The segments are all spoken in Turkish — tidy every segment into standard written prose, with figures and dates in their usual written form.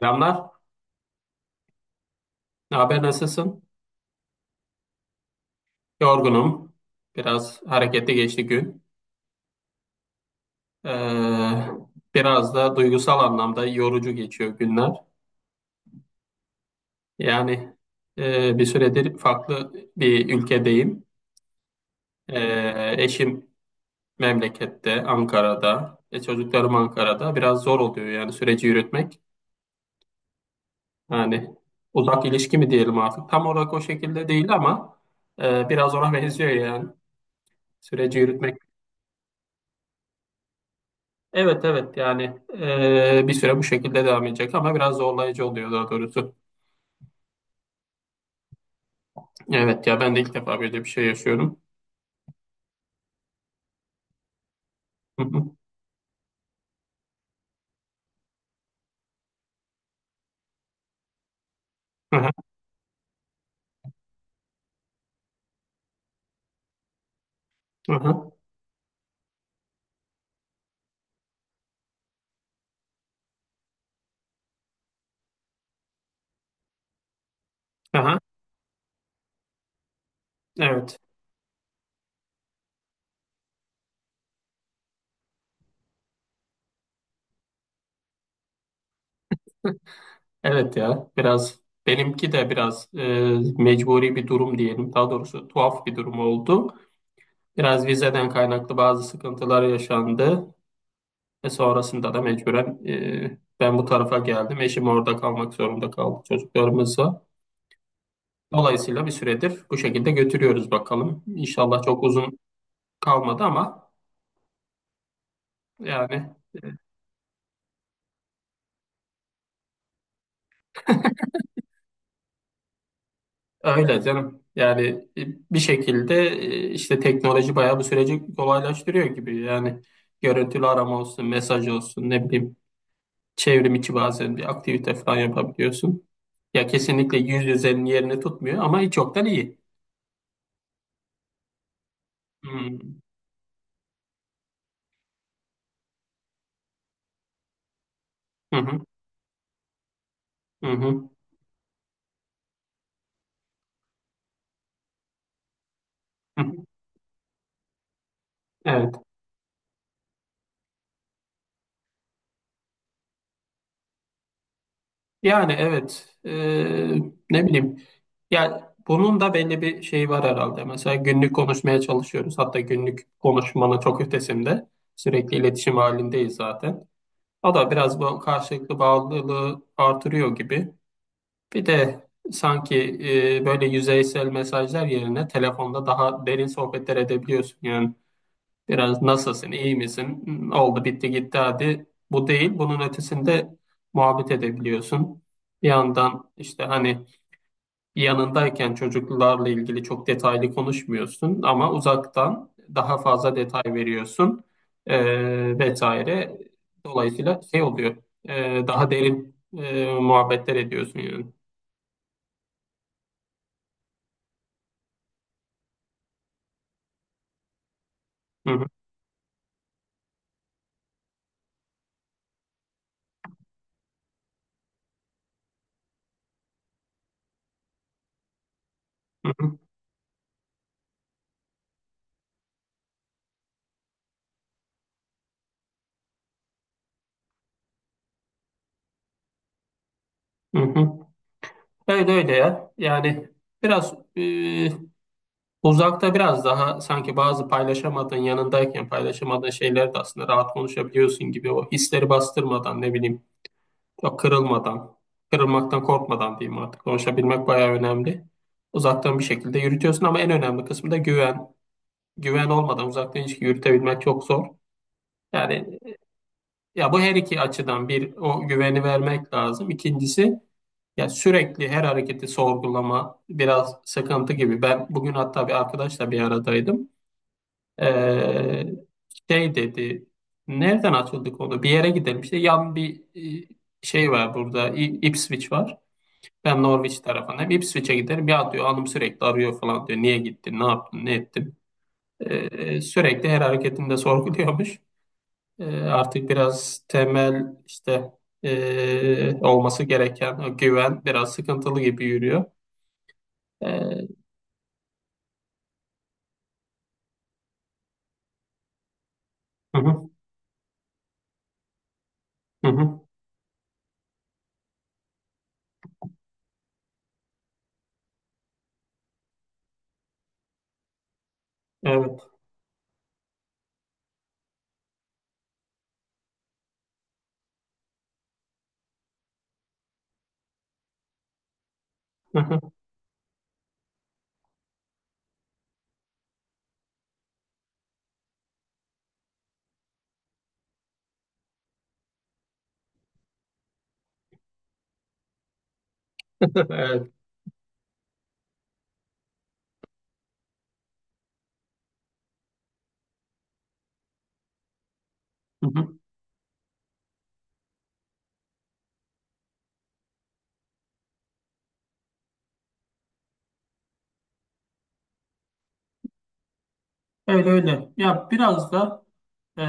Selamlar. Ne haber? Nasılsın? Yorgunum. Biraz hareketli geçti gün. Ee, Biraz da duygusal anlamda yorucu geçiyor günler. Yani bir süredir farklı bir ülkedeyim. Eşim memlekette, Ankara'da. Çocuklarım Ankara'da. Biraz zor oluyor yani süreci yürütmek. Yani uzak ilişki mi diyelim artık? Tam olarak o şekilde değil ama biraz ona benziyor yani süreci yürütmek. Evet, evet, yani bir süre bu şekilde devam edecek ama biraz zorlayıcı oluyor daha doğrusu. Evet ya, ben de ilk defa böyle bir şey yaşıyorum. Hı hı. Aha, aha, aha. Evet. Evet ya, biraz benimki de biraz mecburi bir durum diyelim. Daha doğrusu tuhaf bir durum oldu. Biraz vizeden kaynaklı bazı sıkıntılar yaşandı. Ve sonrasında da mecburen ben bu tarafa geldim. Eşim orada kalmak zorunda kaldı çocuklarımızla. Dolayısıyla bir süredir bu şekilde götürüyoruz bakalım. İnşallah çok uzun kalmadı ama yani e, öyle canım. Yani bir şekilde işte teknoloji bayağı bu süreci kolaylaştırıyor gibi. Yani görüntülü arama olsun, mesaj olsun, ne bileyim, çevrim içi bazen bir aktivite falan yapabiliyorsun. Ya kesinlikle yüz yüzenin yerini tutmuyor ama hiç yoktan iyi. Hmm. Hı hı, hı hı, hı hı. Evet. Yani evet. Ne bileyim. Yani bunun da belli bir şeyi var herhalde. Mesela günlük konuşmaya çalışıyoruz. Hatta günlük konuşmanın çok ötesinde. Sürekli iletişim halindeyiz zaten. O da biraz bu karşılıklı bağlılığı artırıyor gibi. Bir de sanki böyle yüzeysel mesajlar yerine telefonda daha derin sohbetler edebiliyorsun. Yani biraz nasılsın, iyi misin? Hmm, oldu, bitti, gitti hadi. Bu değil. Bunun ötesinde muhabbet edebiliyorsun. Bir yandan işte hani yanındayken çocuklarla ilgili çok detaylı konuşmuyorsun ama uzaktan daha fazla detay veriyorsun, vesaire. Dolayısıyla şey oluyor, daha derin muhabbetler ediyorsun yani. Hı hı, hı hı, hı hı. Öyle öyle ya. Yani biraz uzakta biraz daha sanki bazı paylaşamadığın yanındayken paylaşamadığın şeyleri de aslında rahat konuşabiliyorsun gibi, o hisleri bastırmadan, ne bileyim. Ya kırılmadan, kırılmaktan korkmadan diyeyim artık. Konuşabilmek bayağı önemli. Uzaktan bir şekilde yürütüyorsun ama en önemli kısmı da güven. Güven olmadan uzaktan ilişki yürütebilmek çok zor. Yani ya, bu her iki açıdan bir o güveni vermek lazım. İkincisi, ya sürekli her hareketi sorgulama biraz sıkıntı gibi. Ben bugün hatta bir arkadaşla bir aradaydım. Ee, Şey dedi. Nereden açıldık onu? Bir yere gidelim. İşte yan bir e, şey var burada. Ipswich var. Ben Norwich tarafındayım. Ipswich'e giderim. Ya diyor, hanım sürekli arıyor falan diyor. Niye gittin? Ne yaptın? Ne ettin? Sürekli her hareketinde sorguluyormuş. Artık biraz temel işte olması gereken o güven biraz sıkıntılı gibi yürüyor. Ee, hı hı, hı hı, evet. Evet. Hı hı. Öyle öyle. Ya biraz da Ee,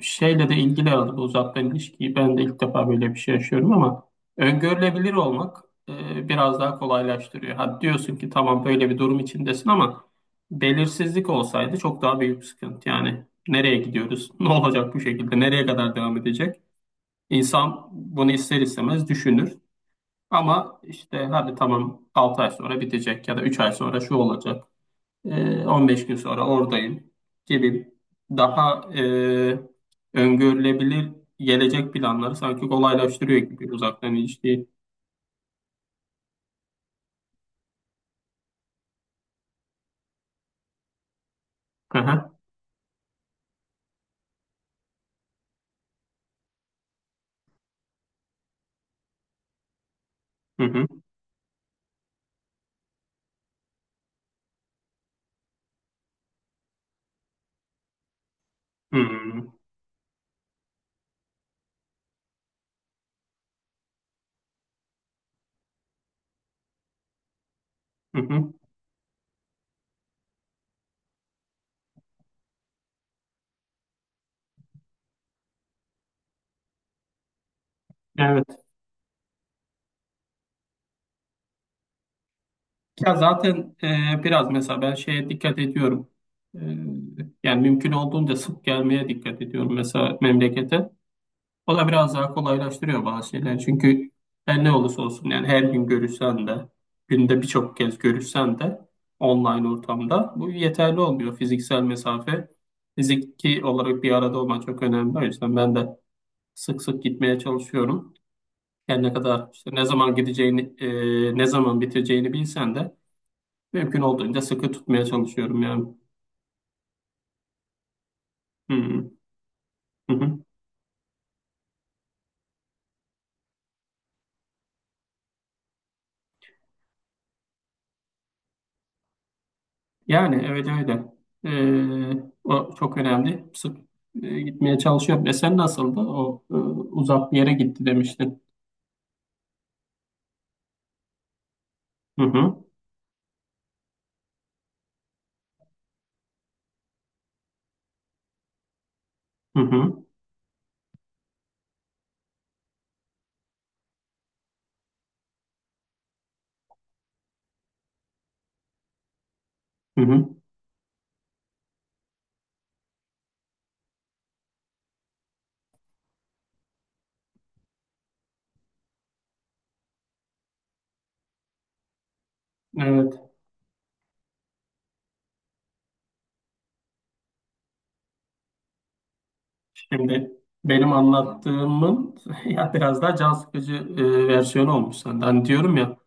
şeyle de ilgili aldı bu uzaktan ilişkiyi. Ben de ilk defa böyle bir şey yaşıyorum ama öngörülebilir olmak biraz daha kolaylaştırıyor. Ha diyorsun ki tamam, böyle bir durum içindesin ama belirsizlik olsaydı çok daha büyük sıkıntı. Yani nereye gidiyoruz? Ne olacak bu şekilde? Nereye kadar devam edecek? İnsan bunu ister istemez düşünür. Ama işte hadi tamam, 6 ay sonra bitecek ya da 3 ay sonra şu olacak. E, 15 gün sonra oradayım gibi, daha öngörülebilir gelecek planları sanki kolaylaştırıyor gibi uzaktan ilişki. Hı hı, hı hı, hı hı, hı hı. Evet. Ya zaten biraz mesela ben şeye dikkat ediyorum. E, Yani mümkün olduğunca sık gelmeye dikkat ediyorum mesela memlekete. O da biraz daha kolaylaştırıyor bazı şeyler. Çünkü her ne olursa olsun, yani her gün görüşsen de günde birçok kez görüşsen de online ortamda bu yeterli olmuyor. Fiziksel mesafe, fiziki olarak bir arada olmak çok önemli. O yüzden ben de sık sık gitmeye çalışıyorum. Yani ne kadar işte ne zaman gideceğini, ne zaman biteceğini bilsen de mümkün olduğunca sıkı tutmaya çalışıyorum yani. Hı hı. Hı hı. Yani öyle öyle. O çok önemli. Sık gitmeye çalışıyorum. E sen nasıldı? O uzak bir yere gitti demiştin. Hı hı. Hı hı. Hı hı. Evet. Şimdi benim anlattığımın ya biraz daha can sıkıcı versiyonu olmuş senden. Hani diyorum ya,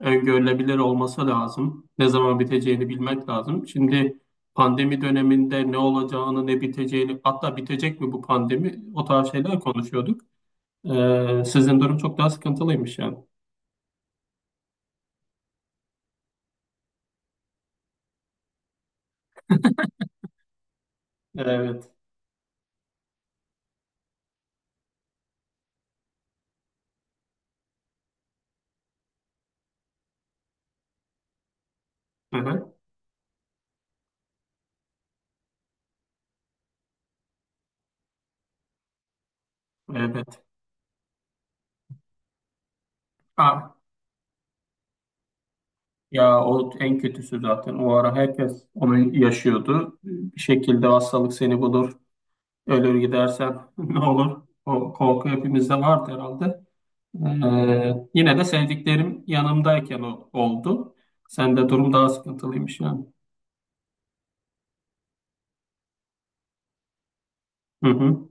öngörülebilir olması lazım. Ne zaman biteceğini bilmek lazım. Şimdi pandemi döneminde ne olacağını, ne biteceğini, hatta bitecek mi bu pandemi, o tarz şeyler konuşuyorduk. Sizin durum çok daha sıkıntılıymış yani. Evet. Hı-hı. Evet. Ah, ya o en kötüsü zaten. O ara herkes onu yaşıyordu. Bir şekilde hastalık seni bulur. Ölür gidersen ne olur? O korku hepimizde vardı herhalde. Yine de sevdiklerim yanımdayken o, oldu. Sende durum daha sıkıntılıymış yani. Hı-hı.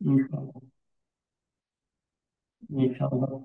İnşallah. İnşallah.